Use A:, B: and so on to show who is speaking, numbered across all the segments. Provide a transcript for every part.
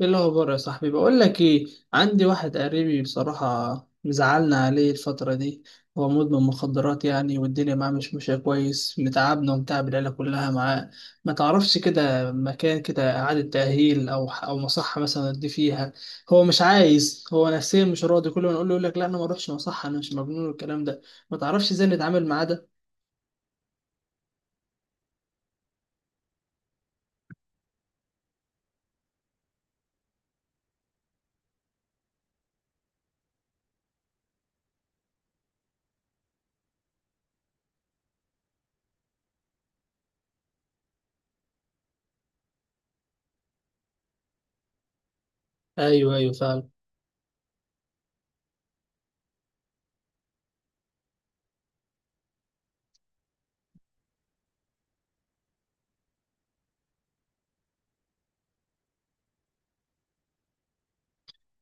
A: ايه الاخبار يا صاحبي؟ بقول لك ايه، عندي واحد قريبي بصراحه مزعلنا عليه الفتره دي. هو مدمن مخدرات يعني، والدنيا معاه مش ماشيه كويس، متعبنا ومتعب العيله كلها معاه. ما تعرفش كده مكان كده اعاده تاهيل او مصحه مثلا ادي فيها؟ هو مش عايز، هو نفسيا مش راضي، كل ما نقول له يقول لك لا انا ما اروحش مصحه انا مش مجنون والكلام ده. ما تعرفش ازاي نتعامل معاه ده؟ ايوه، ايوه، فاهم.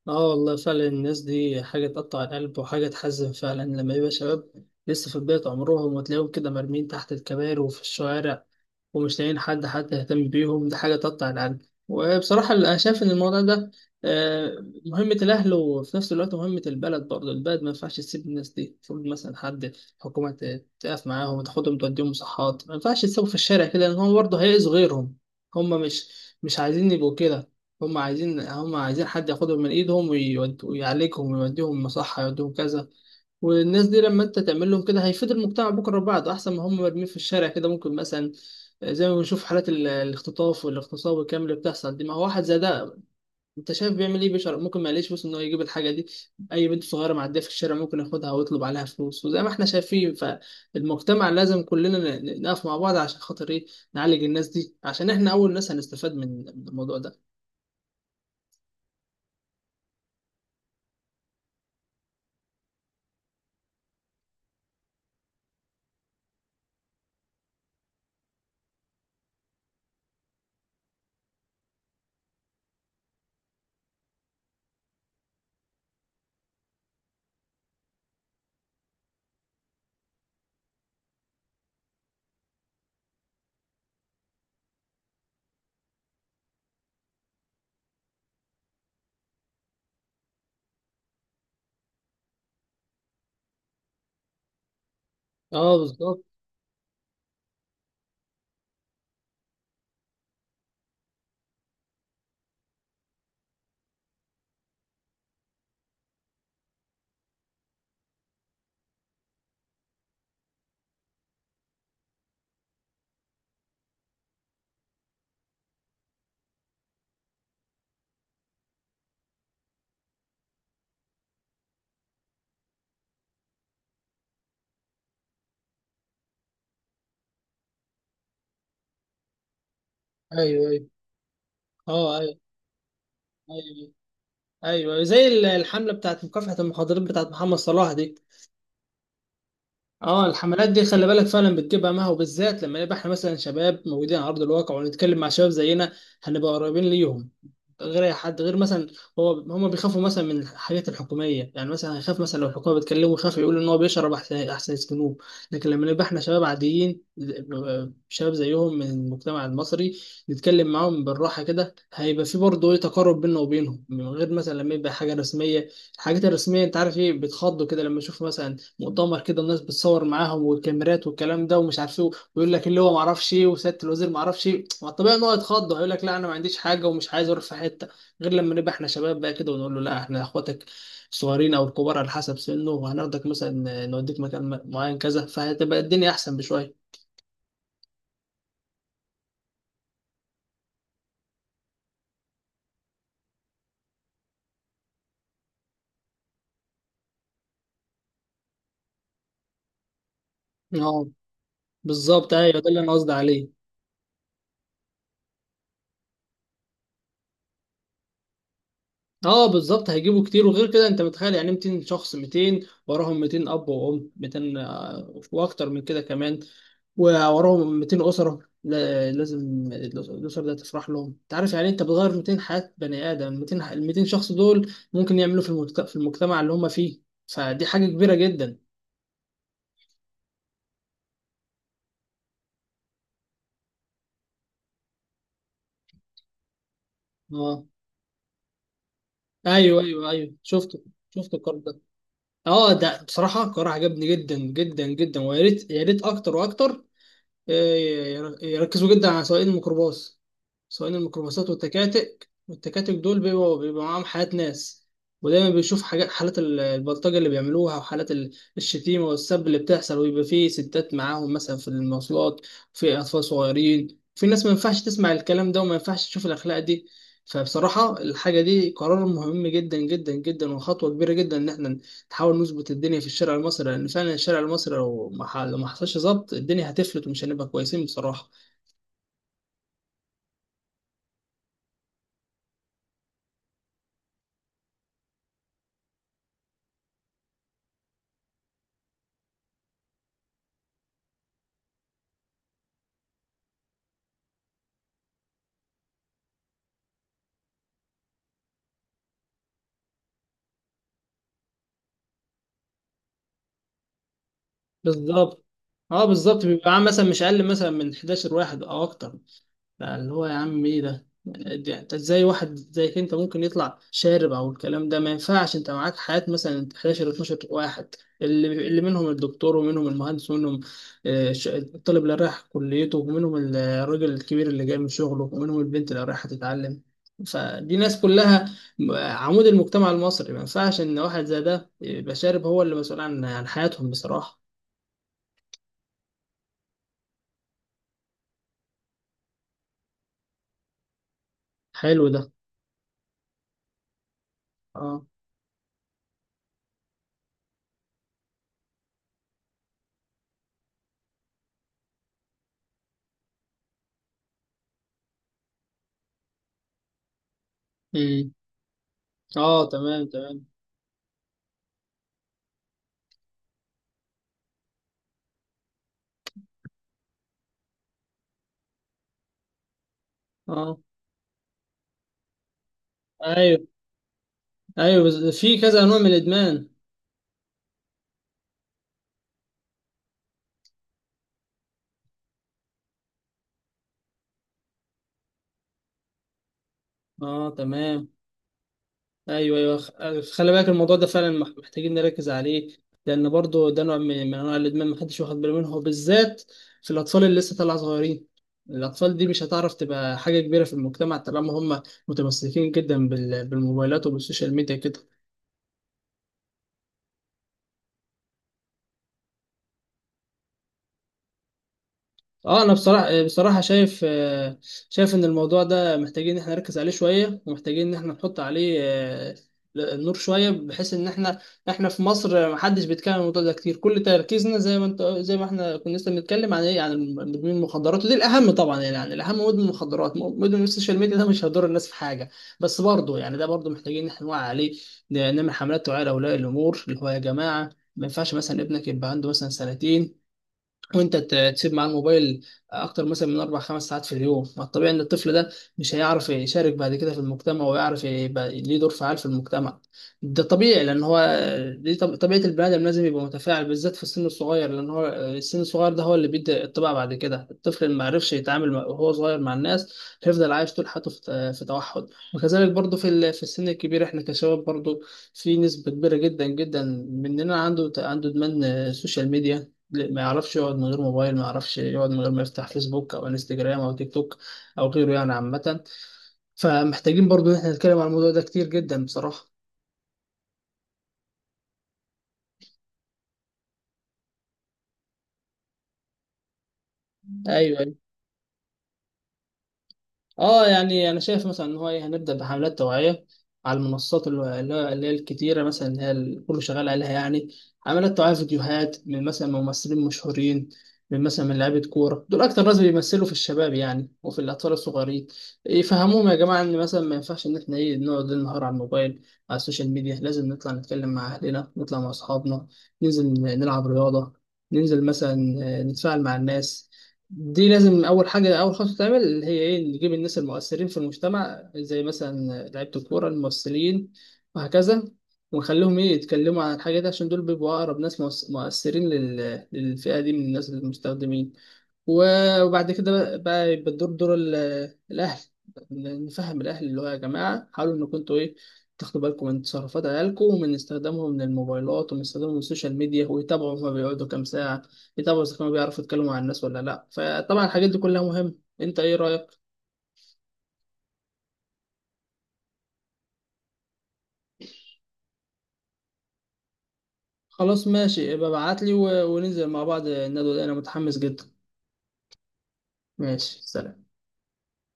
A: اه والله فعلا الناس دي حاجة تقطع القلب وحاجة تحزن فعلا، لما يبقى شباب لسه في بداية عمرهم وتلاقيهم كده مرمين تحت الكباري وفي الشوارع ومش لاقيين حد حتى يهتم بيهم، دي حاجة تقطع القلب. وبصراحة أنا شايف إن الموضوع ده مهمة الأهل وفي نفس الوقت مهمة البلد برضه، البلد ما ينفعش تسيب الناس دي، المفروض مثلا حد حكومة تقف معاهم وتاخدهم توديهم مصحات، ما ينفعش تسيبهم في الشارع كده لأن هم برضه هيأذوا غيرهم. هم مش عايزين يبقوا كده، هم عايزين، هم عايزين حد ياخدهم من ايدهم ويعالجهم ويوديهم مصحة، يوديهم كذا. والناس دي لما انت تعمل لهم كده هيفيد المجتمع بكره وبعده احسن ما هم مرميين في الشارع كده، ممكن مثلا زي ما بنشوف حالات الاختطاف والاغتصاب والكلام اللي بتحصل دي، ما هو واحد زي ده انت شايف بيعمل ايه؟ بيشر، ممكن ما يلاقيش فلوس ان هو يجيب الحاجه دي، اي بنت صغيره معديه في الشارع ممكن ياخدها ويطلب عليها فلوس. وزي ما احنا شايفين فالمجتمع لازم كلنا نقف مع بعض عشان خاطر ايه؟ نعالج الناس دي عشان احنا اول ناس هنستفاد من الموضوع ده. اه بالظبط. ايوه، ايوه. اه، ايوه، ايوه، ايوه، أيوه. زي الحمله بتاعت مكافحه المخدرات بتاعت محمد صلاح دي. اه الحملات دي خلي بالك فعلا بتجيب همها، وبالذات لما نبقى احنا مثلا شباب موجودين على ارض الواقع ونتكلم مع شباب زينا، هنبقى قريبين ليهم غير اي حد، غير مثلا هو، هم بيخافوا مثلا من الحاجات الحكوميه، يعني مثلا هيخاف مثلا لو الحكومه بتكلمه يخاف يقول ان هو بيشرب، احسن يسجنوه. لكن لما نبقى احنا شباب عاديين، شباب زيهم من المجتمع المصري، نتكلم معاهم بالراحه كده هيبقى في برضه ايه، تقارب بيننا وبينهم، من غير مثلا لما يبقى حاجه رسميه. الحاجات الرسميه انت عارف ايه بيتخضوا كده، لما يشوفوا مثلا مؤتمر كده الناس بتصور معاهم والكاميرات والكلام ده، ومش عارف ايه ويقول لك اللي هو ما اعرفش ايه وسياده الوزير ما اعرفش ايه، ما الطبيعي ان هو يتخض ويقول لك لا انا ما عنديش حاجه ومش عايز اروح في حته. غير لما نبقى احنا شباب بقى كده ونقول له لا احنا اخواتك الصغيرين او الكبار على حسب سنه، وهناخدك مثلا نوديك مكان معين كذا، فهتبقى الدنيا احسن بشويه. اه بالظبط، ايوه، ده اللي انا قصدي عليه. اه بالظبط هيجيبوا كتير، وغير كده انت متخيل يعني 200 شخص، 200 وراهم 200 اب وام 200 واكتر من كده كمان، ووراهم 200 أسرة، لازم الأسر ده تفرح لهم، أنت عارف يعني إيه؟ أنت بتغير 200 حياة بني آدم، 200 ال 200 شخص دول ممكن يعملوا في في المجتمع اللي هم فيه، فدي حاجة كبيرة جدا. أه، أيوه، أيوه، أيوه، شفت، شفت القرار ده. أه ده بصراحة القرار عجبني جدا جدا جدا، ويا ريت، يا ريت أكتر وأكتر. إيه، يركزوا جدا على سواقين الميكروباص، سواقين الميكروباصات والتكاتك، والتكاتك دول بيبقوا، بيبقى معاهم حالات ناس ودايما بيشوف حاجات، حالات البلطجة اللي بيعملوها وحالات الشتيمة والسب اللي بتحصل، ويبقى فيه ستات معاهم مثلا في المواصلات، في أطفال صغيرين، في ناس، ما ينفعش تسمع الكلام ده وما ينفعش تشوف الأخلاق دي. فبصراحة الحاجة دي قرار مهم جدا جدا جدا وخطوة كبيرة جدا، إن احنا نحاول نظبط الدنيا في الشارع المصري، لان فعلا الشارع المصري لو ما ح- لو ما حصلش ظبط، الدنيا هتفلت ومش هنبقى كويسين بصراحه. بالظبط. اه بالظبط، بيبقى معاه مثلا مش اقل مثلا من 11 واحد او اكتر، بقى اللي هو يا عم ايه ده انت ازاي؟ واحد زيك انت ممكن يطلع شارب؟ او الكلام ده ما ينفعش، انت معاك حياة مثلا 11 12 واحد، اللي منهم الدكتور، ومنهم المهندس، ومنهم الطالب اللي رايح كليته، ومنهم الراجل الكبير اللي جاي من شغله، ومنهم البنت اللي رايحة تتعلم، فدي ناس كلها عمود المجتمع المصري، ما ينفعش ان واحد زي ده يبقى شارب هو اللي مسؤول عن حياتهم بصراحة. حلو ده. اه، امم، اه، تمام، تمام. اه، ايوه، ايوه، بس في كذا نوع من الادمان. اه تمام، ايوه، ايوه، خلي بالك الموضوع ده فعلا محتاجين نركز عليه، لان برضو ده نوع من انواع الادمان محدش واخد باله منه، وبالذات في الاطفال اللي لسه طالعه صغيرين، الاطفال دي مش هتعرف تبقى حاجه كبيره في المجتمع طالما هم متمسكين جدا بالموبايلات وبالسوشيال ميديا كده. اه انا بصراحه شايف، شايف ان الموضوع ده محتاجين ان احنا نركز عليه شويه، ومحتاجين ان احنا نحط عليه النور شويه، بحيث ان احنا، احنا في مصر محدش بيتكلم عن الموضوع ده كتير، كل تركيزنا زي ما انت، زي ما احنا كنا لسه بنتكلم عن ايه؟ عن مدمن المخدرات، ودي الاهم طبعا يعني، يعني الاهم مدمن المخدرات، مدمن السوشيال ميديا ده مش هيضر الناس في حاجه، بس برضه يعني ده برضه محتاجين ان احنا نوعي عليه، نعمل حملات توعيه لاولياء الامور، اللي هو يا جماعه ما ينفعش مثلا ابنك يبقى عنده مثلا سنتين وانت تسيب معاه الموبايل اكتر مثلا من 4 5 ساعات في اليوم. ما الطبيعي ان الطفل ده مش هيعرف يشارك بعد كده في المجتمع ويعرف يبقى ليه دور فعال في المجتمع، ده طبيعي لان هو دي طبيعه البني ادم، لازم يبقى متفاعل بالذات في السن الصغير، لان هو السن الصغير ده هو اللي بيدي الطبع بعد كده، الطفل اللي ما عرفش يتعامل وهو صغير مع الناس هيفضل عايش طول حياته في توحد. وكذلك برضو في في السن الكبير، احنا كشباب برضو في نسبه كبيره جدا جدا مننا عنده ادمان سوشيال ميديا، ما يعرفش يقعد من غير موبايل، ما يعرفش يقعد من غير ما يفتح فيسبوك او انستجرام او تيك توك او غيره يعني عامة، فمحتاجين برضو ان احنا نتكلم عن الموضوع ده كتير جدا بصراحة. ايوه. اه يعني انا شايف مثلا ان هو ايه؟ هنبدا بحملات توعيه على المنصات اللي هي الكتيره، مثلا اللي هي كله شغال عليها يعني، حملات توعيه، فيديوهات من مثلا ممثلين مشهورين، من مثلا من لعيبه كوره، دول اكتر ناس بيمثلوا في الشباب يعني وفي الاطفال الصغيرين، يفهموهم يا جماعه ان مثلا ما ينفعش ان احنا ايه؟ نقعد ليل نهار على الموبايل على السوشيال ميديا، لازم نطلع نتكلم مع اهلنا، نطلع مع اصحابنا، ننزل نلعب رياضه، ننزل مثلا نتفاعل مع الناس. دي لازم اول حاجه، اول خطوه تعمل اللي هي ايه؟ نجيب الناس المؤثرين في المجتمع زي مثلا لعيبه الكوره، الممثلين، وهكذا، ونخليهم ايه يتكلموا عن الحاجه دي، عشان دول بيبقوا اقرب ناس مؤثرين للفئه دي من الناس المستخدمين. وبعد كده بقى يبقى الدور دور الاهل، نفهم الاهل اللي هو يا جماعه حاولوا انكم انتوا ايه؟ تاخدوا بالكم من تصرفات عيالكم ومن استخدامهم للموبايلات ومن استخدامهم للسوشيال ميديا، ويتابعوا هما بيقعدوا كام ساعه في، طبعا إذا كانوا بيعرفوا يتكلموا مع الناس ولا لأ، فطبعا الحاجات دي كلها مهمة. أنت إيه رأيك؟ خلاص ماشي، ابقى ابعتلي وننزل مع بعض الندوة دي، أنا متحمس جدا. ماشي، سلام.